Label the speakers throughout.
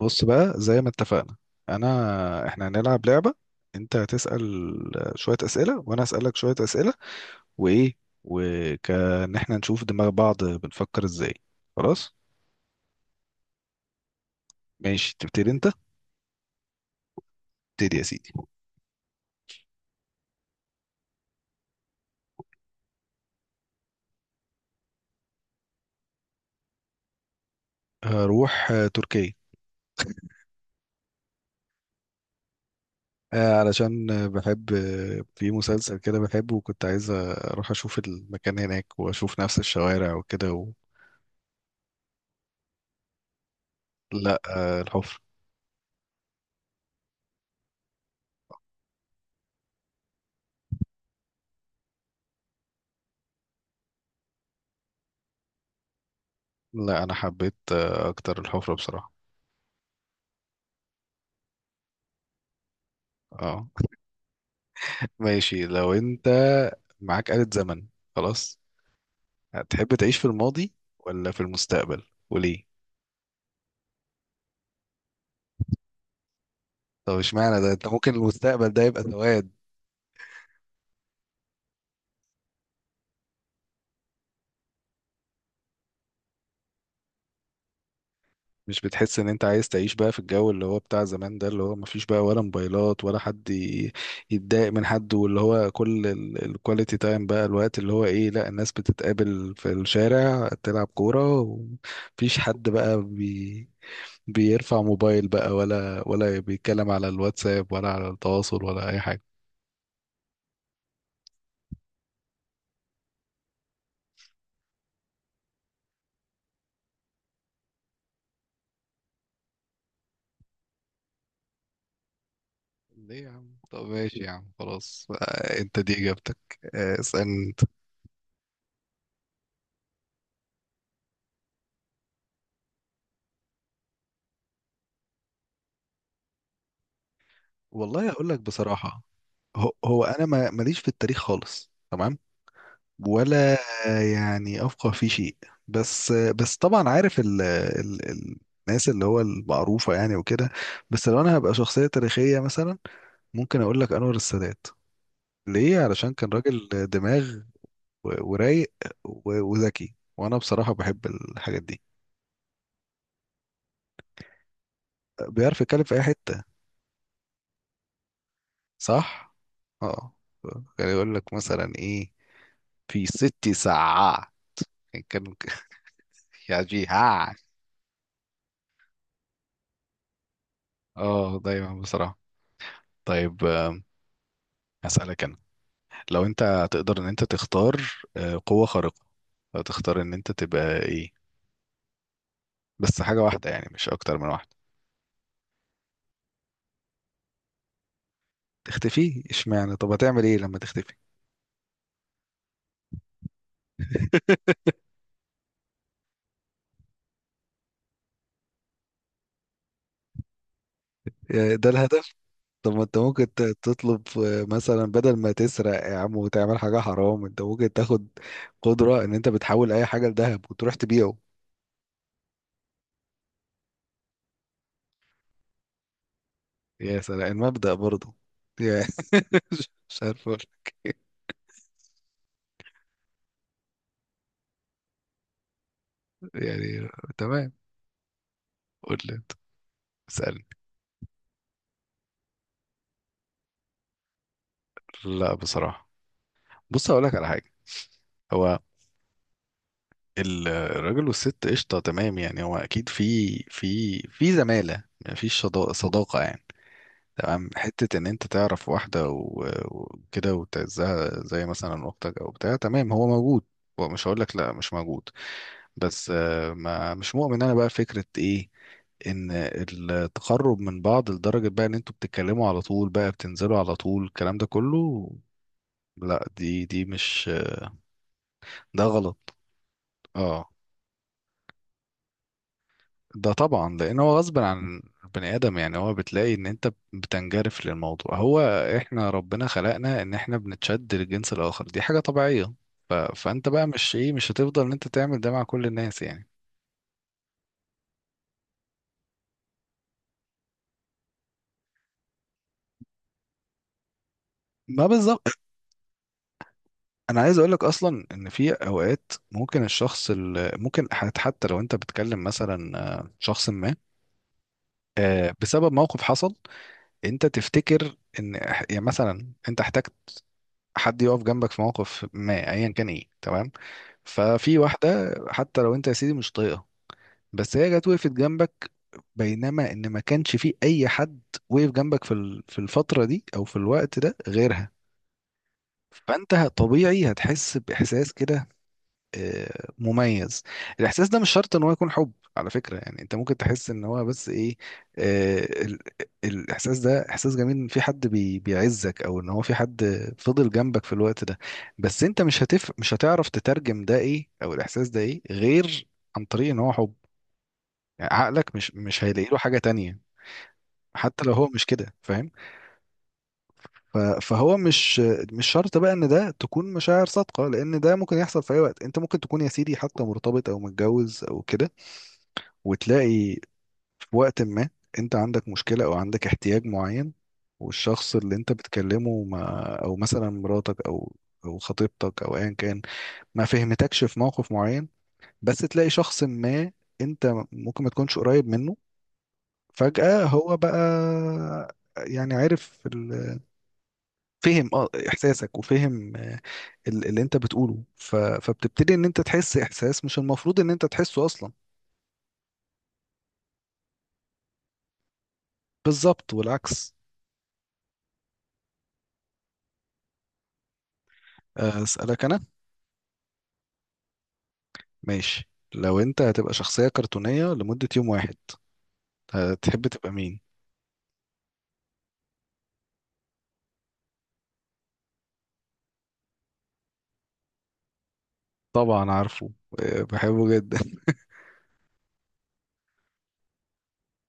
Speaker 1: بص بقى، زي ما اتفقنا، احنا هنلعب لعبة. انت هتسأل شوية أسئلة، وانا هسألك شوية أسئلة، وايه، وكان احنا نشوف دماغ بعض بنفكر ازاي. خلاص، ماشي تبتدي انت. ابتدي يا سيدي. هروح تركيا. علشان بحب في مسلسل كده بحبه، وكنت عايز اروح اشوف المكان هناك واشوف نفس الشوارع وكده و... لا الحفرة. لا انا حبيت اكتر الحفرة بصراحة. اه ماشي. لو انت معاك آلة زمن، خلاص، هتحب تعيش في الماضي ولا في المستقبل؟ وليه؟ طب اشمعنى ده؟ انت ممكن المستقبل ده يبقى سواد. مش بتحس ان انت عايز تعيش بقى في الجو اللي هو بتاع زمان ده، اللي هو مفيش بقى ولا موبايلات، ولا حد يتضايق من حد، واللي هو كل الكواليتي تايم بقى، الوقت اللي هو ايه، لا الناس بتتقابل في الشارع تلعب كورة، ومفيش حد بقى بيرفع موبايل بقى، ولا بيتكلم على الواتساب، ولا على التواصل، ولا اي حاجه؟ ليه يا عم؟ طب ماشي يا عم، خلاص، انت دي اجابتك. اسالني انت. والله اقول لك بصراحه، هو انا ما ماليش في التاريخ خالص، تمام. ولا يعني افقه في شيء، بس طبعا عارف ال الناس اللي هو المعروفه يعني وكده. بس لو انا هبقى شخصيه تاريخيه مثلا، ممكن اقول لك انور السادات. ليه؟ علشان كان راجل دماغ، ورايق، وذكي، وانا بصراحة بحب الحاجات دي. بيعرف يتكلم في اي حتة. صح. اه. كان يقول لك مثلا ايه في 6 ساعة، يعني كان يا جيها. اه دايما بصراحة. طيب هسألك انا. لو انت تقدر ان انت تختار قوة خارقة، هتختار ان انت تبقى ايه؟ بس حاجة واحدة يعني، مش اكتر من واحدة. تختفي؟ اشمعنى؟ طب هتعمل ايه لما تختفي؟ ده الهدف. طب ما انت ممكن تطلب مثلا بدل ما تسرق يا عم وتعمل حاجة حرام، انت ممكن تاخد قدرة ان انت بتحول اي حاجة لذهب وتروح تبيعه. يا سلام، المبدأ برضه. يا- مش عارف اقول يعني. تمام. قول لي، اسألني. لا بصراحة. بص هقول لك على حاجة، هو الراجل والست قشطة تمام، يعني هو اكيد في زمالة، مفيش صداقة يعني، تمام. حتة إن أنت تعرف واحدة وكده وتعزها زي مثلا أختك أو بتاع، تمام، هو موجود، هو مش هقول لك لا مش موجود. بس ما مش مؤمن أنا بقى فكرة إيه، إن التقرب من بعض لدرجة بقى إن أنتوا بتتكلموا على طول، بقى بتنزلوا على طول الكلام ده كله، لا دي دي مش ده غلط. اه ده طبعا لان هو غصب عن البني ادم، يعني هو بتلاقي ان انت بتنجرف للموضوع، هو احنا ربنا خلقنا ان احنا بنتشد للجنس الاخر، دي حاجه طبيعيه. فانت بقى مش ايه، مش هتفضل ان انت تعمل ده مع كل الناس يعني. ما بالظبط. انا عايز اقولك اصلا ان في اوقات ممكن الشخص اللي ممكن حتى لو انت بتكلم مثلا شخص ما بسبب موقف حصل، انت تفتكر ان يعني مثلا انت احتجت حد يقف جنبك في موقف ما، ايا كان ايه، تمام. ففي واحدة حتى لو انت يا سيدي مش طايقها، بس هي جت وقفت جنبك، بينما ان ما كانش في اي حد وقف جنبك في في الفترة دي او في الوقت ده غيرها. فانت طبيعي هتحس باحساس كده مميز. الاحساس ده مش شرط ان هو يكون حب على فكره، يعني انت ممكن تحس ان هو بس ايه، آه، ال- الاحساس ده احساس جميل، ان في حد بيعزك، او ان هو في حد فضل جنبك في الوقت ده، بس انت مش هتعرف تترجم ده ايه، او الاحساس ده ايه، غير عن طريق ان هو حب، يعني عقلك مش هيلاقي له حاجه تانية، حتى لو هو مش كده، فاهم. فهو مش مش شرط بقى ان ده تكون مشاعر صادقه، لان ده ممكن يحصل في اي وقت، انت ممكن تكون يا سيدي حتى مرتبط او متجوز او كده، وتلاقي في وقت ما انت عندك مشكلة او عندك احتياج معين، والشخص اللي انت بتكلمه ما، او مثلا مراتك او او خطيبتك او ايا كان، ما فهمتكش في موقف معين، بس تلاقي شخص ما انت ممكن ما تكونش قريب منه، فجأة هو بقى، يعني عارف فهم اه احساسك، وفهم اللي انت بتقوله، فبتبتدي ان انت تحس احساس مش المفروض ان انت تحسه اصلا. بالظبط، والعكس. اسالك انا. ماشي لو انت هتبقى شخصية كرتونية لمدة يوم واحد، هتحب تبقى مين؟ طبعا عارفه، بحبه جدا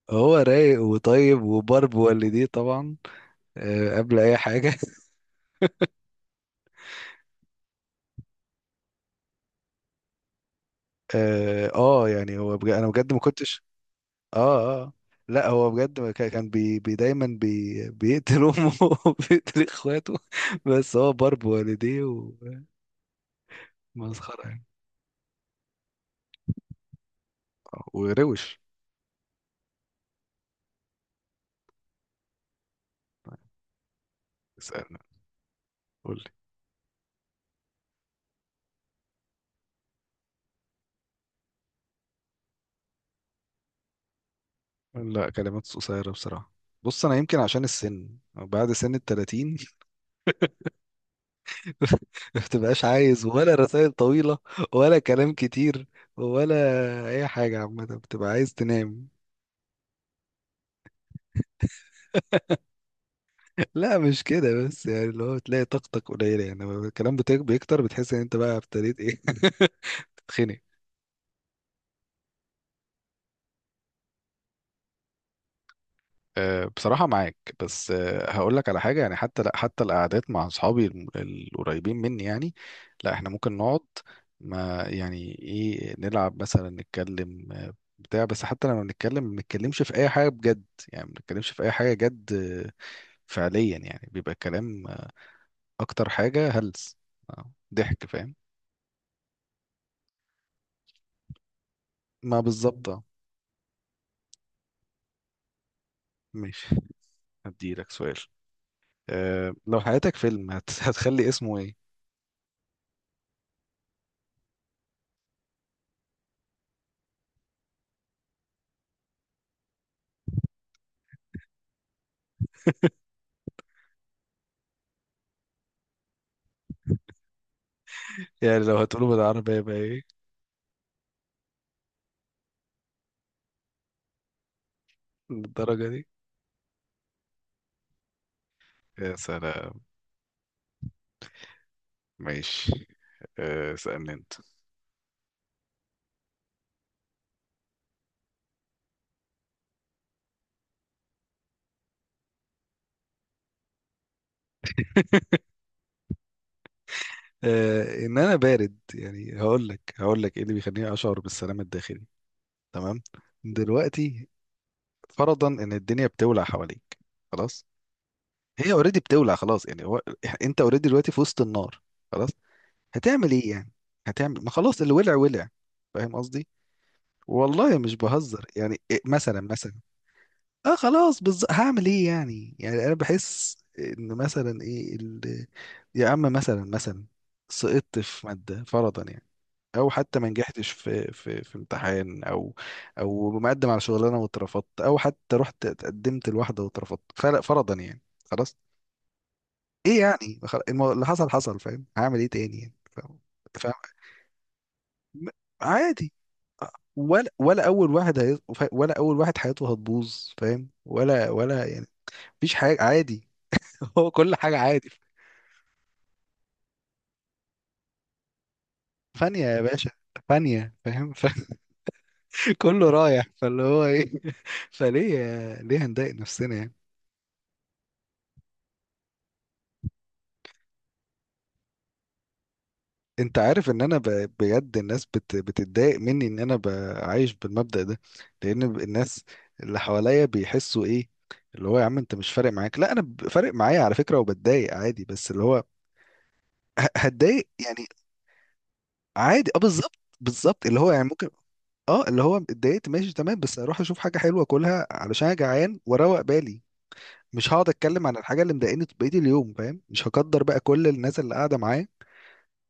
Speaker 1: هو رايق وطيب وبرب والديه طبعا، قبل اي حاجة اه يعني هو بجد، انا بجد ما كنتش. اه اه. لا هو بجد، ما كان بي بي دايما بيقتل امه وبيقتل اخواته، بس هو برب والديه، ومسخرة يعني. وروش. اسألنا، قول. لا كلمات قصيرة بصراحة. بص أنا يمكن عشان السن، بعد سن ال30 ما بتبقاش عايز، ولا رسائل طويلة، ولا كلام كتير، ولا أي حاجة عامة، بتبقى عايز تنام. لا مش كده، بس يعني اللي هو بتلاقي طاقتك قليلة يعني لما الكلام بيكتر، بتحس إن أنت بقى ابتديت إيه تتخنق. بصراحة معاك، بس هقول لك على حاجة. يعني حتى لا، حتى القعدات مع أصحابي القريبين مني يعني، لا احنا ممكن نقعد، ما يعني ايه، نلعب مثلا، نتكلم بتاع، بس حتى لما بنتكلم ما بنتكلمش في أي حاجة بجد يعني، ما بنتكلمش في أي حاجة جد فعليا يعني، بيبقى الكلام أكتر حاجة هلس، ضحك، فاهم. ما بالظبط آه. ماشي هديلك سؤال. أه لو حياتك فيلم هتخلي اسمه ايه؟ يعني لو هتقوله بالعربية يبقى ايه؟ للدرجة دي؟ يا سلام. ماشي. اسألني انت. ان انا بارد يعني، هقول لك هقول لك ايه اللي بيخليني اشعر بالسلام الداخلي. تمام. دلوقتي فرضا ان الدنيا بتولع حواليك، خلاص، هي اوريدي بتولع خلاص يعني، هو انت اوريدي دلوقتي في وسط النار، خلاص، هتعمل ايه يعني؟ هتعمل ما، خلاص، اللي ولع ولع. فاهم قصدي؟ والله مش بهزر يعني. مثلا، مثلا، اه خلاص بالظبط، هعمل ايه يعني؟ يعني انا بحس ان مثلا ايه يا عم مثلا مثلا سقطت في ماده فرضا يعني، او حتى ما نجحتش في امتحان، او او مقدم على شغلانه واترفضت، او حتى رحت اتقدمت لواحده واترفضت، فرضا يعني. خلاص، ايه يعني، اللي حصل حصل، فاهم؟ هعمل ايه تاني يعني، فاهم؟ فاهم؟ م- عادي. ولا ولا اول واحد هي... ولا اول واحد حياته هتبوظ، فاهم؟ ولا يعني مفيش حاجه عادي. هو كل حاجة عادي. فانية يا باشا. فانية، فاهم. كله رايح فاللي هو ايه، فليه. ليه هنضايق نفسنا يعني؟ انت عارف ان انا بجد الناس بتتضايق مني ان انا عايش بالمبدأ ده، لان الناس اللي حواليا بيحسوا ايه، اللي هو يا عم انت مش فارق معاك. لا انا فارق معايا على فكرة، وبتضايق عادي، بس اللي هو هتضايق يعني. عادي، اه بالظبط، بالظبط، اللي هو يعني ممكن، اه اللي هو اتضايقت، ماشي تمام، بس اروح اشوف حاجة حلوة اكلها علشان انا جعان واروق بالي، مش هقعد اتكلم عن الحاجه اللي مضايقاني بقيه اليوم، فاهم، مش هقدر بقى كل الناس اللي قاعده معايا،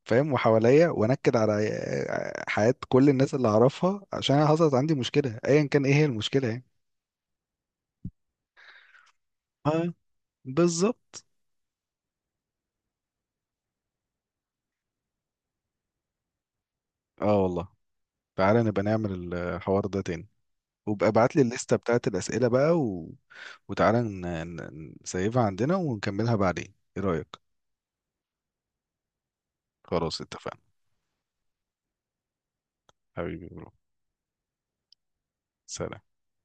Speaker 1: فاهم، وحواليا، وانكد على حياه كل الناس اللي اعرفها عشان أنا حصلت عندي مشكله، ايا كان ايه هي المشكله يعني. اه بالظبط. اه والله. تعالى نبقى نعمل الحوار ده تاني، وابقى ابعت لي الليسته بتاعت الاسئله بقى، و... وتعالى نسيبها عندنا ونكملها بعدين، ايه رايك؟ خلاص اتفقنا. حبيبي برو. سلام.